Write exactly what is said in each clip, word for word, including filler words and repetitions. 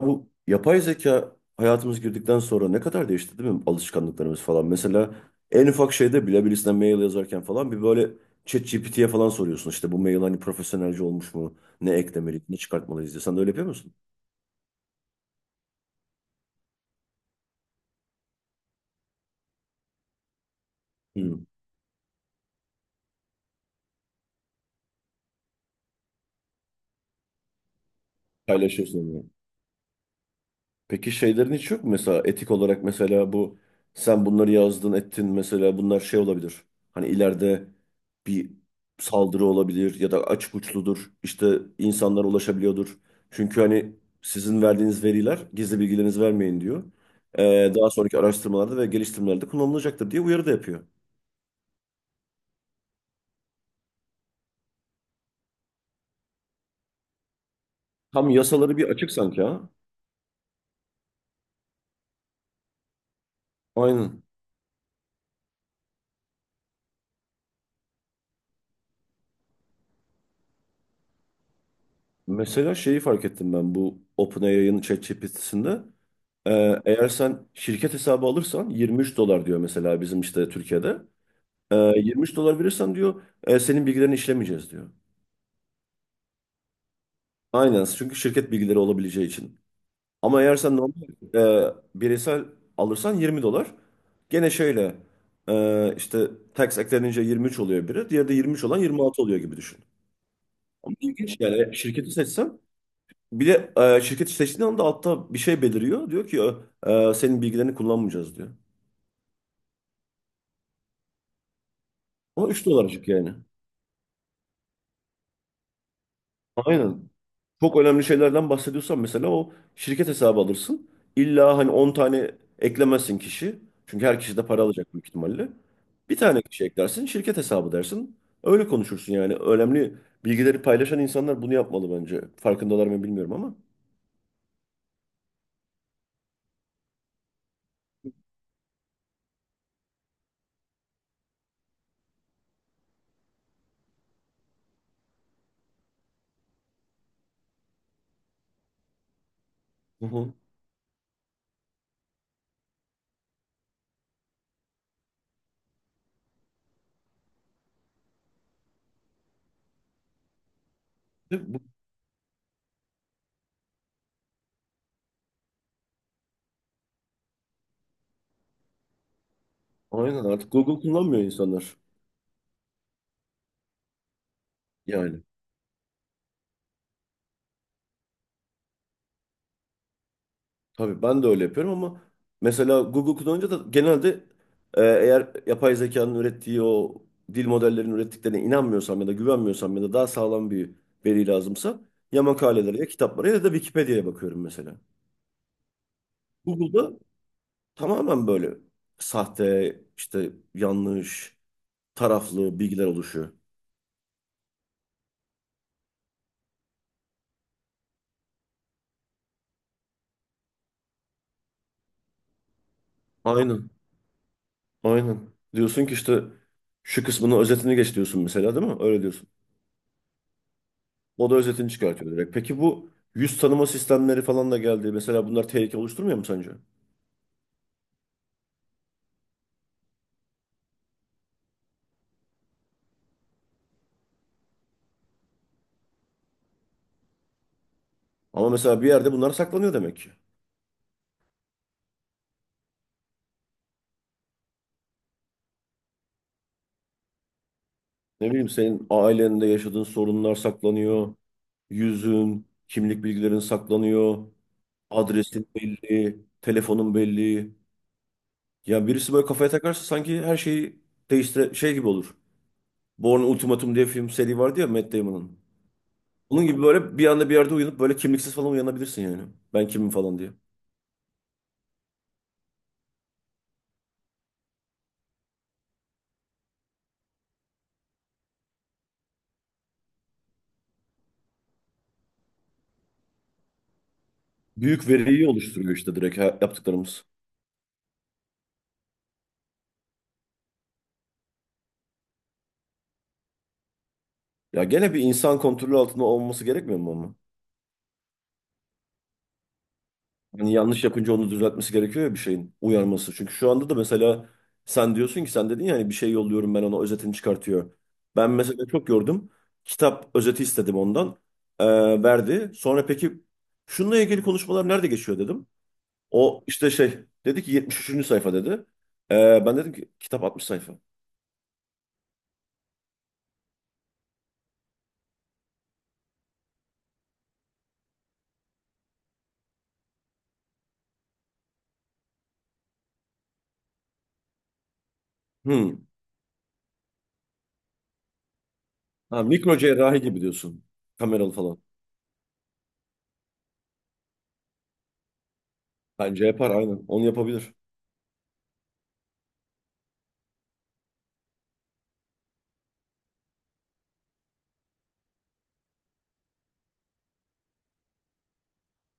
Bu yapay zeka hayatımız girdikten sonra ne kadar değişti değil mi, alışkanlıklarımız falan. Mesela en ufak şeyde bile birisine mail yazarken falan bir böyle ChatGPT'ye falan soruyorsun. İşte bu mail hani profesyonelce olmuş mu? Ne eklemeliyiz, ne çıkartmalıyız diye. Sen de öyle yapıyor musun? Hı. Paylaşıyorsun. Peki şeylerin hiç yok mu mesela etik olarak, mesela bu sen bunları yazdın ettin mesela bunlar şey olabilir. Hani ileride bir saldırı olabilir ya da açık uçludur işte insanlara ulaşabiliyordur. Çünkü hani sizin verdiğiniz veriler, gizli bilgilerinizi vermeyin diyor. Ee, daha sonraki araştırmalarda ve geliştirmelerde kullanılacaktır diye uyarı da yapıyor. Tam yasaları bir açık sanki ha. Aynen. Mesela şeyi fark ettim ben bu OpenAI'ın ChatGPT'sinde. Ee, eğer sen şirket hesabı alırsan yirmi üç dolar diyor mesela, bizim işte Türkiye'de. Ee, yirmi üç dolar verirsen diyor, "e, senin bilgilerini işlemeyeceğiz" diyor. Aynen, çünkü şirket bilgileri olabileceği için. Ama eğer sen normal, e, bireysel alırsan yirmi dolar. Gene şöyle, e, işte tax eklenince yirmi üç oluyor biri. Diğeri de yirmi üç olan yirmi altı oluyor gibi düşün. Ama ilginç yani, şirketi seçsen bir de, e, şirketi seçtiğin anda altta bir şey beliriyor. Diyor ki e, e, senin bilgilerini kullanmayacağız diyor. O üç dolarcık yani. Aynen. Çok önemli şeylerden bahsediyorsan mesela o şirket hesabı alırsın. İlla hani on tane eklemezsin kişi. Çünkü her kişi de para alacak büyük ihtimalle. Bir tane kişi eklersin, şirket hesabı dersin. Öyle konuşursun yani. Önemli bilgileri paylaşan insanlar bunu yapmalı bence. Farkındalar mı bilmiyorum ama. Hı hı. Ve bu- Aynen, artık Google kullanmıyor insanlar. Yani. Tabii ben de öyle yapıyorum ama mesela Google kullanınca da genelde, e, eğer yapay zekanın ürettiği o dil modellerinin ürettiklerine inanmıyorsam ya da güvenmiyorsam ya da daha sağlam bir veri lazımsa ya makalelere ya kitaplara ya da Wikipedia'ya bakıyorum mesela. Google'da tamamen böyle sahte, işte yanlış, taraflı bilgiler oluşuyor. Aynen. Aynen. Diyorsun ki işte şu kısmını özetini geç diyorsun mesela, değil mi? Öyle diyorsun. O da özetini çıkartıyor direkt. Peki bu yüz tanıma sistemleri falan da geldi. Mesela bunlar tehlike oluşturmuyor mu sence? Ama mesela bir yerde bunlar saklanıyor demek ki. Ne bileyim, senin ailende yaşadığın sorunlar saklanıyor. Yüzün, kimlik bilgilerin saklanıyor. Adresin belli, telefonun belli. Ya birisi böyle kafaya takarsa sanki her şeyi değiştire şey gibi olur. Born Ultimatum diye film seri vardı ya, Matt Damon'ın. Onun gibi böyle bir anda bir yerde uyanıp böyle kimliksiz falan uyanabilirsin yani. Ben kimim falan diye. Büyük veriyi oluşturuyor işte direkt ha- yaptıklarımız. Ya gene bir insan kontrolü altında olması gerekmiyor mu ama? Hani yanlış yapınca onu düzeltmesi gerekiyor ya, bir şeyin uyarması. Çünkü şu anda da mesela sen diyorsun ki, sen dedin ya hani, bir şey yolluyorum ben ona, özetini çıkartıyor. Ben mesela çok gördüm. Kitap özeti istedim ondan. Ee, verdi. Sonra peki şununla ilgili konuşmalar nerede geçiyor dedim. O işte şey dedi ki yetmiş üçüncü sayfa dedi. Ee, ben dedim ki kitap altmış sayfa. Hmm. Ha, mikro cerrahi gibi diyorsun. Kameralı falan. Bence yapar aynen. Onu yapabilir.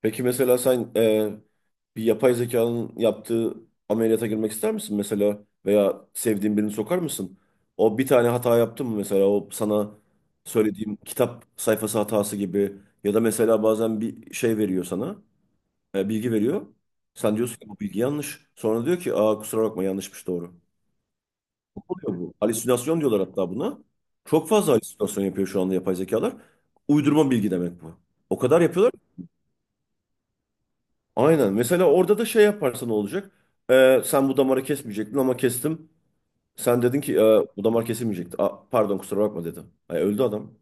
Peki mesela sen, e, bir yapay zekanın yaptığı ameliyata girmek ister misin mesela? Veya sevdiğin birini sokar mısın? O bir tane hata yaptı mı mesela? O sana söylediğim kitap sayfası hatası gibi. Ya da mesela bazen bir şey veriyor sana, e, bilgi veriyor. Sen diyorsun ki bu bilgi yanlış. Sonra diyor ki, aa, kusura bakma, yanlışmış, doğru. Ne oluyor bu? Halüsinasyon diyorlar hatta buna. Çok fazla halüsinasyon yapıyor şu anda yapay zekalar. Uydurma bilgi demek bu. O kadar yapıyorlar. Aynen. Mesela orada da şey yaparsa ne olacak? Ee, sen bu damarı kesmeyecektin ama kestim. Sen dedin ki, "Ee, bu damar kesilmeyecekti." Aa, pardon, kusura bakma dedi. Ay, öldü adam.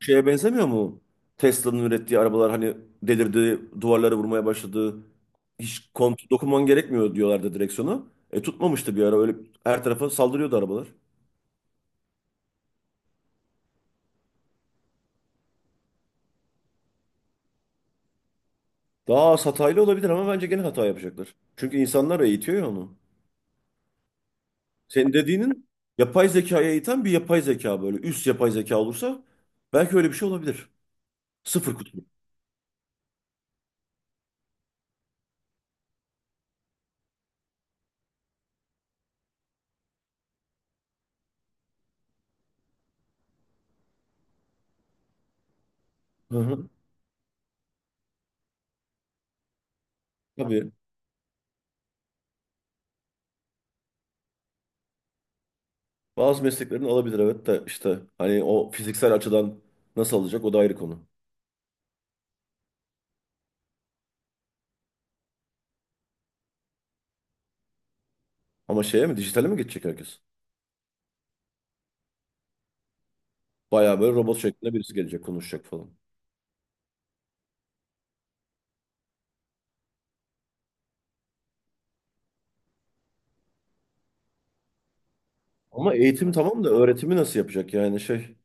Şeye benzemiyor mu? Tesla'nın ürettiği arabalar hani delirdi, duvarlara vurmaya başladı. Hiç kontrol dokunman gerekmiyor diyorlardı, direksiyonu. E tutmamıştı bir ara, öyle her tarafa saldırıyordu arabalar. Daha az hataylı olabilir ama bence gene hata yapacaklar. Çünkü insanlar eğitiyor ya onu. Senin dediğinin, yapay zekaya iten bir yapay zeka böyle, üst yapay zeka olursa belki öyle bir şey olabilir. Sıfır kutu. Hı hı. Tabii, bazı mesleklerin alabilir evet, de işte hani o fiziksel açıdan nasıl alacak, o da ayrı konu. Ama şeye mi, dijitale mi geçecek herkes? Bayağı böyle robot şeklinde birisi gelecek konuşacak falan. Ama eğitim tamam da öğretimi nasıl yapacak yani, şey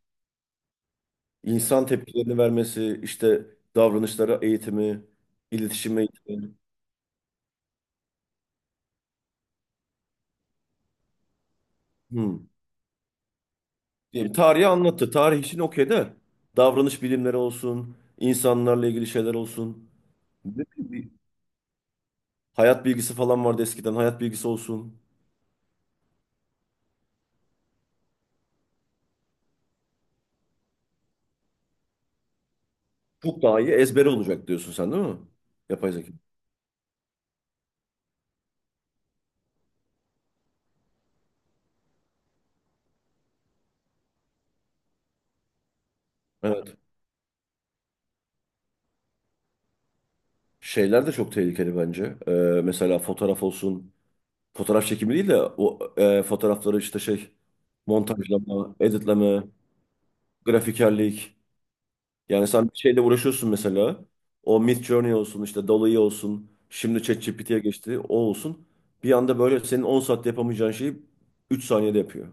insan tepkilerini vermesi, işte davranışlara eğitimi, iletişim eğitimi. Hı. Yani tarihi anlattı, tarih için okey de davranış bilimleri olsun, insanlarla ilgili şeyler olsun. Ne bileyim, bir hayat bilgisi falan vardı eskiden. Hayat bilgisi olsun. Çok daha iyi ezbere olacak diyorsun sen, değil mi? Yapay zeka. Evet. Şeyler de çok tehlikeli bence. Ee, mesela fotoğraf olsun. Fotoğraf çekimi değil de o, e, fotoğrafları işte şey montajlama, editleme, grafikerlik. Yani sen bir şeyle uğraşıyorsun mesela. O Midjourney olsun, işte Dall-E olsun. Şimdi ChatGPT'ye geçti. O olsun. Bir anda böyle senin on saatte yapamayacağın şeyi üç saniyede yapıyor.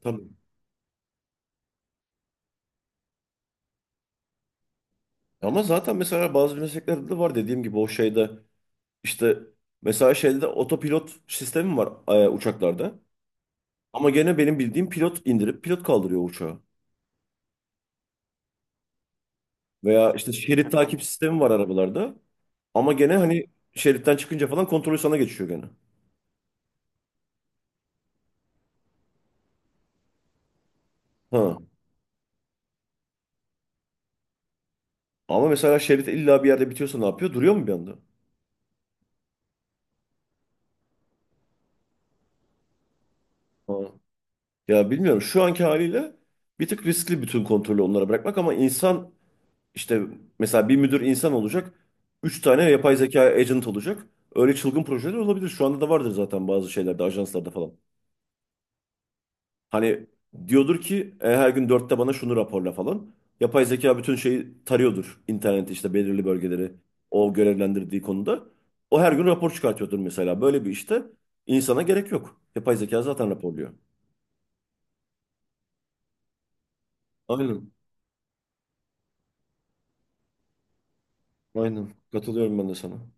Tabii. Ama zaten mesela bazı mesleklerde de var dediğim gibi, o şeyde işte, mesela şeyde de otopilot sistemi var, e, uçaklarda. Ama gene benim bildiğim pilot indirip pilot kaldırıyor uçağı. Veya işte şerit takip sistemi var arabalarda. Ama gene hani şeritten çıkınca falan kontrolü sana geçiyor gene. Ha. Ama mesela şerit illa bir yerde bitiyorsa ne yapıyor? Duruyor mu bir anda? Ha. Ya bilmiyorum. Şu anki haliyle bir tık riskli bütün kontrolü onlara bırakmak, ama insan işte mesela bir müdür insan olacak. Üç tane yapay zeka agent olacak. Öyle çılgın projeler olabilir. Şu anda da vardır zaten bazı şeylerde, ajanslarda falan. Hani diyordur ki, "E, her gün dörtte bana şunu raporla" falan. Yapay zeka bütün şeyi tarıyordur internette, işte belirli bölgeleri, o görevlendirdiği konuda. O her gün rapor çıkartıyordur mesela. Böyle bir işte insana gerek yok, yapay zeka zaten raporluyor. Aynen. Aynen. Katılıyorum ben de sana.